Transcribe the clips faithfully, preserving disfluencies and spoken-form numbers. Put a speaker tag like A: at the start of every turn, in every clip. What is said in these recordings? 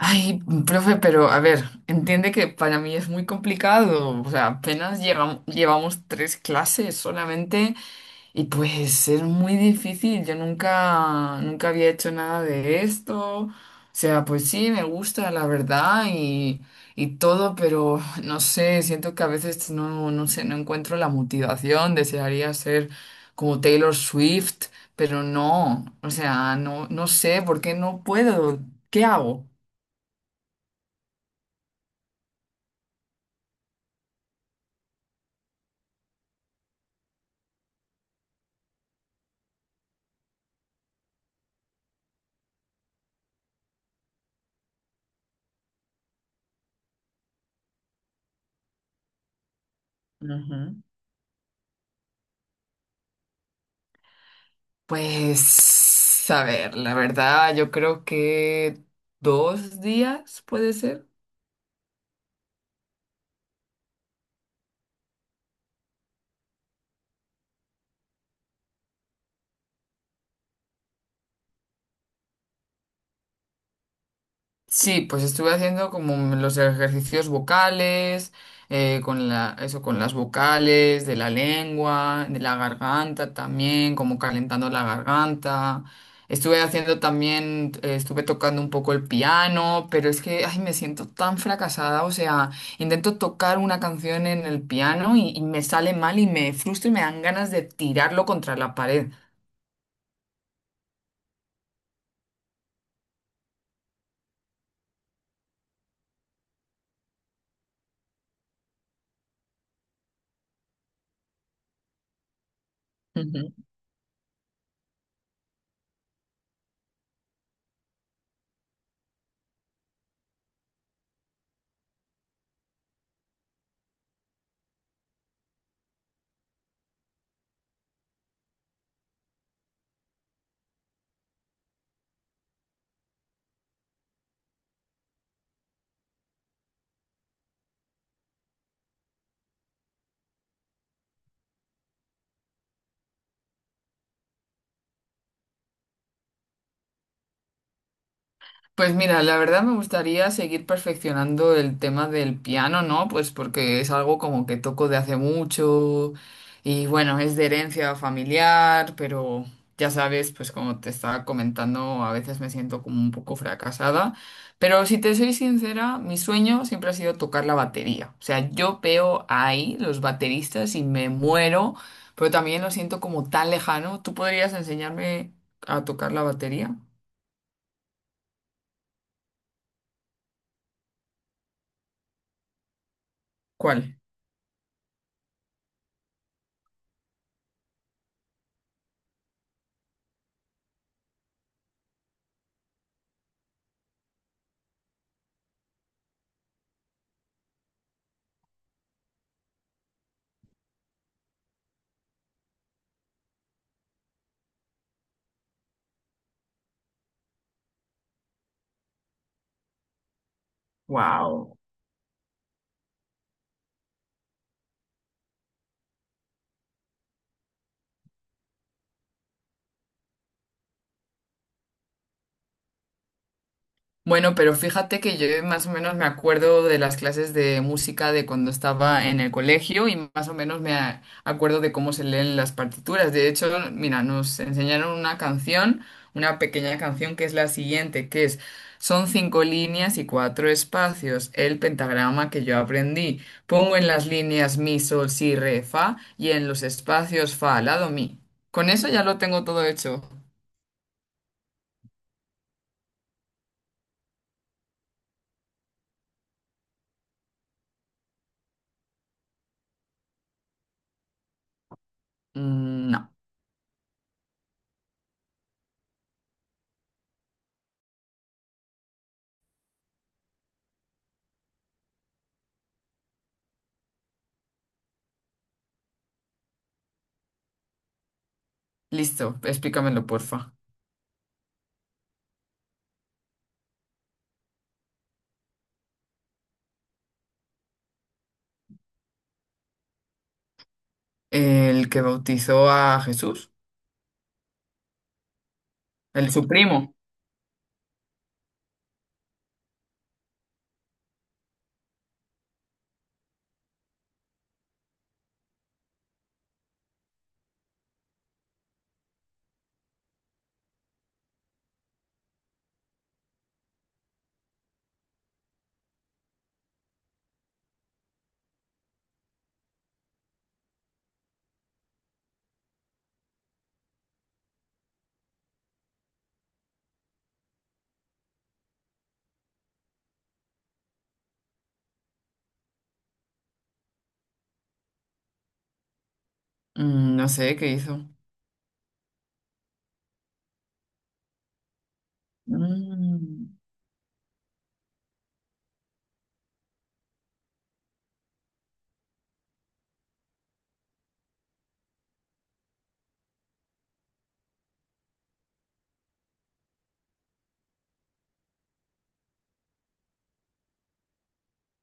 A: Ay, profe, pero a ver, entiende que para mí es muy complicado. O sea, apenas llegam- llevamos tres clases solamente y pues es muy difícil. Yo nunca, nunca había hecho nada de esto. O sea, pues sí, me gusta, la verdad, y, y todo, pero no sé, siento que a veces no, no sé, no encuentro la motivación. Desearía ser como Taylor Swift, pero no. O sea, no, no sé por qué no puedo. ¿Qué hago? Ujú. Pues, a ver, la verdad, yo creo que dos días puede ser. Sí, pues estuve haciendo como los ejercicios vocales, eh, con la, eso, con las vocales, de la lengua, de la garganta también, como calentando la garganta. Estuve haciendo también, eh, estuve tocando un poco el piano, pero es que, ay, me siento tan fracasada. O sea, intento tocar una canción en el piano y, y me sale mal y me frustro y me dan ganas de tirarlo contra la pared. Pues mira, la verdad me gustaría seguir perfeccionando el tema del piano, ¿no? Pues porque es algo como que toco de hace mucho y bueno, es de herencia familiar, pero ya sabes, pues como te estaba comentando, a veces me siento como un poco fracasada. Pero si te soy sincera, mi sueño siempre ha sido tocar la batería. O sea, yo veo ahí los bateristas y me muero, pero también lo siento como tan lejano. ¿Tú podrías enseñarme a tocar la batería? ¿Cuál? Wow. Bueno, pero fíjate que yo más o menos me acuerdo de las clases de música de cuando estaba en el colegio y más o menos me a- acuerdo de cómo se leen las partituras. De hecho, mira, nos enseñaron una canción, una pequeña canción que es la siguiente, que es son cinco líneas y cuatro espacios, el pentagrama que yo aprendí. Pongo en las líneas mi, sol, si, re, fa y en los espacios fa, lado, mi. Con eso ya lo tengo todo hecho. Mm, no. Listo, explícamelo, porfa. El que bautizó a Jesús, el su primo. Mm, no sé qué hizo.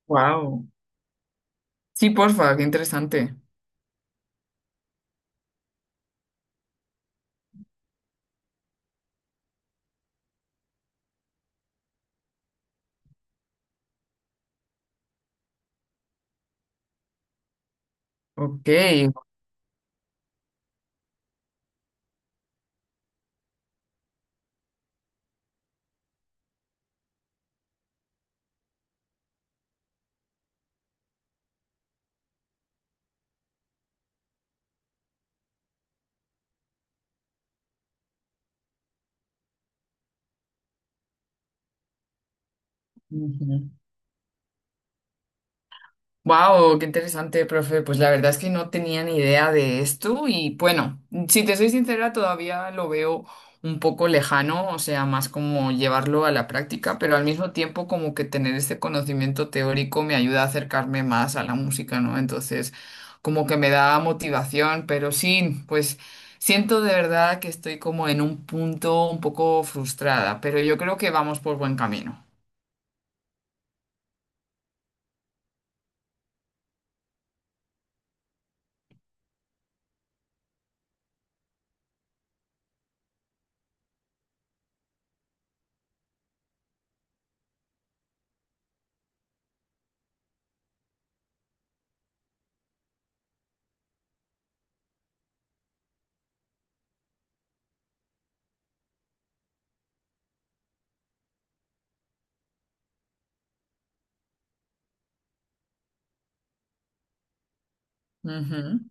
A: Wow. Sí, porfa, qué interesante. Ok. Ujú. Wow, qué interesante, profe. Pues la verdad es que no tenía ni idea de esto y bueno, si te soy sincera, todavía lo veo un poco lejano, o sea, más como llevarlo a la práctica, pero al mismo tiempo como que tener este conocimiento teórico me ayuda a acercarme más a la música, ¿no? Entonces, como que me da motivación, pero sí, pues siento de verdad que estoy como en un punto un poco frustrada, pero yo creo que vamos por buen camino. Ujú.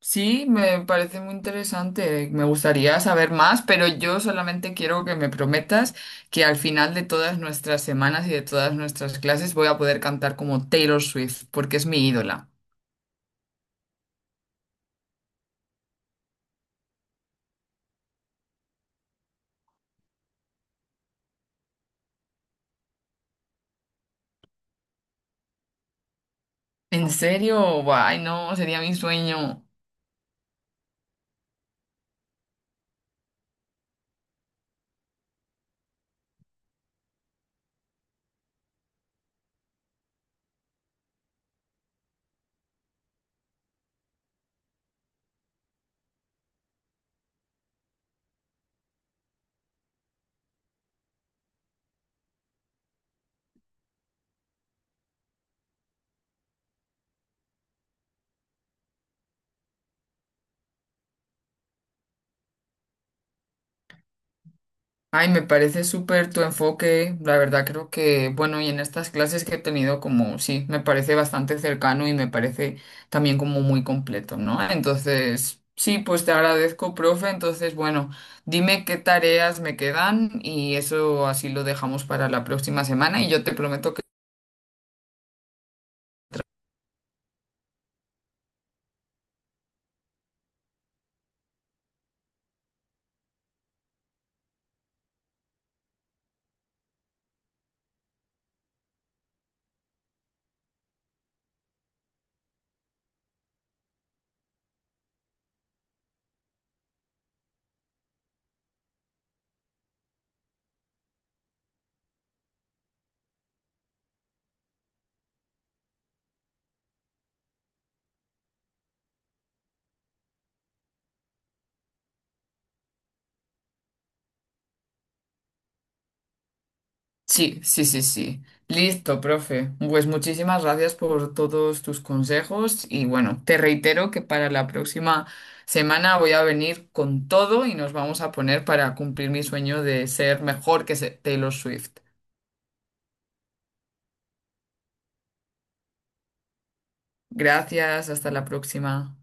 A: Sí, me parece muy interesante. eh, Me gustaría saber más, pero yo solamente quiero que me prometas que al final de todas nuestras semanas y de todas nuestras clases voy a poder cantar como Taylor Swift, porque es mi ídola. ¿En serio? Ay, no, sería mi sueño. Ay, me parece súper tu enfoque, la verdad creo que, bueno, y en estas clases que he tenido como, sí, me parece bastante cercano y me parece también como muy completo, ¿no? Entonces, sí, pues te agradezco, profe, entonces, bueno, dime qué tareas me quedan y eso así lo dejamos para la próxima semana y yo te prometo. Sí, sí, sí, sí. Listo, profe. Pues muchísimas gracias por todos tus consejos y bueno, te reitero que para la próxima semana voy a venir con todo y nos vamos a poner para cumplir mi sueño de ser mejor que se- Taylor Swift. Gracias, hasta la próxima.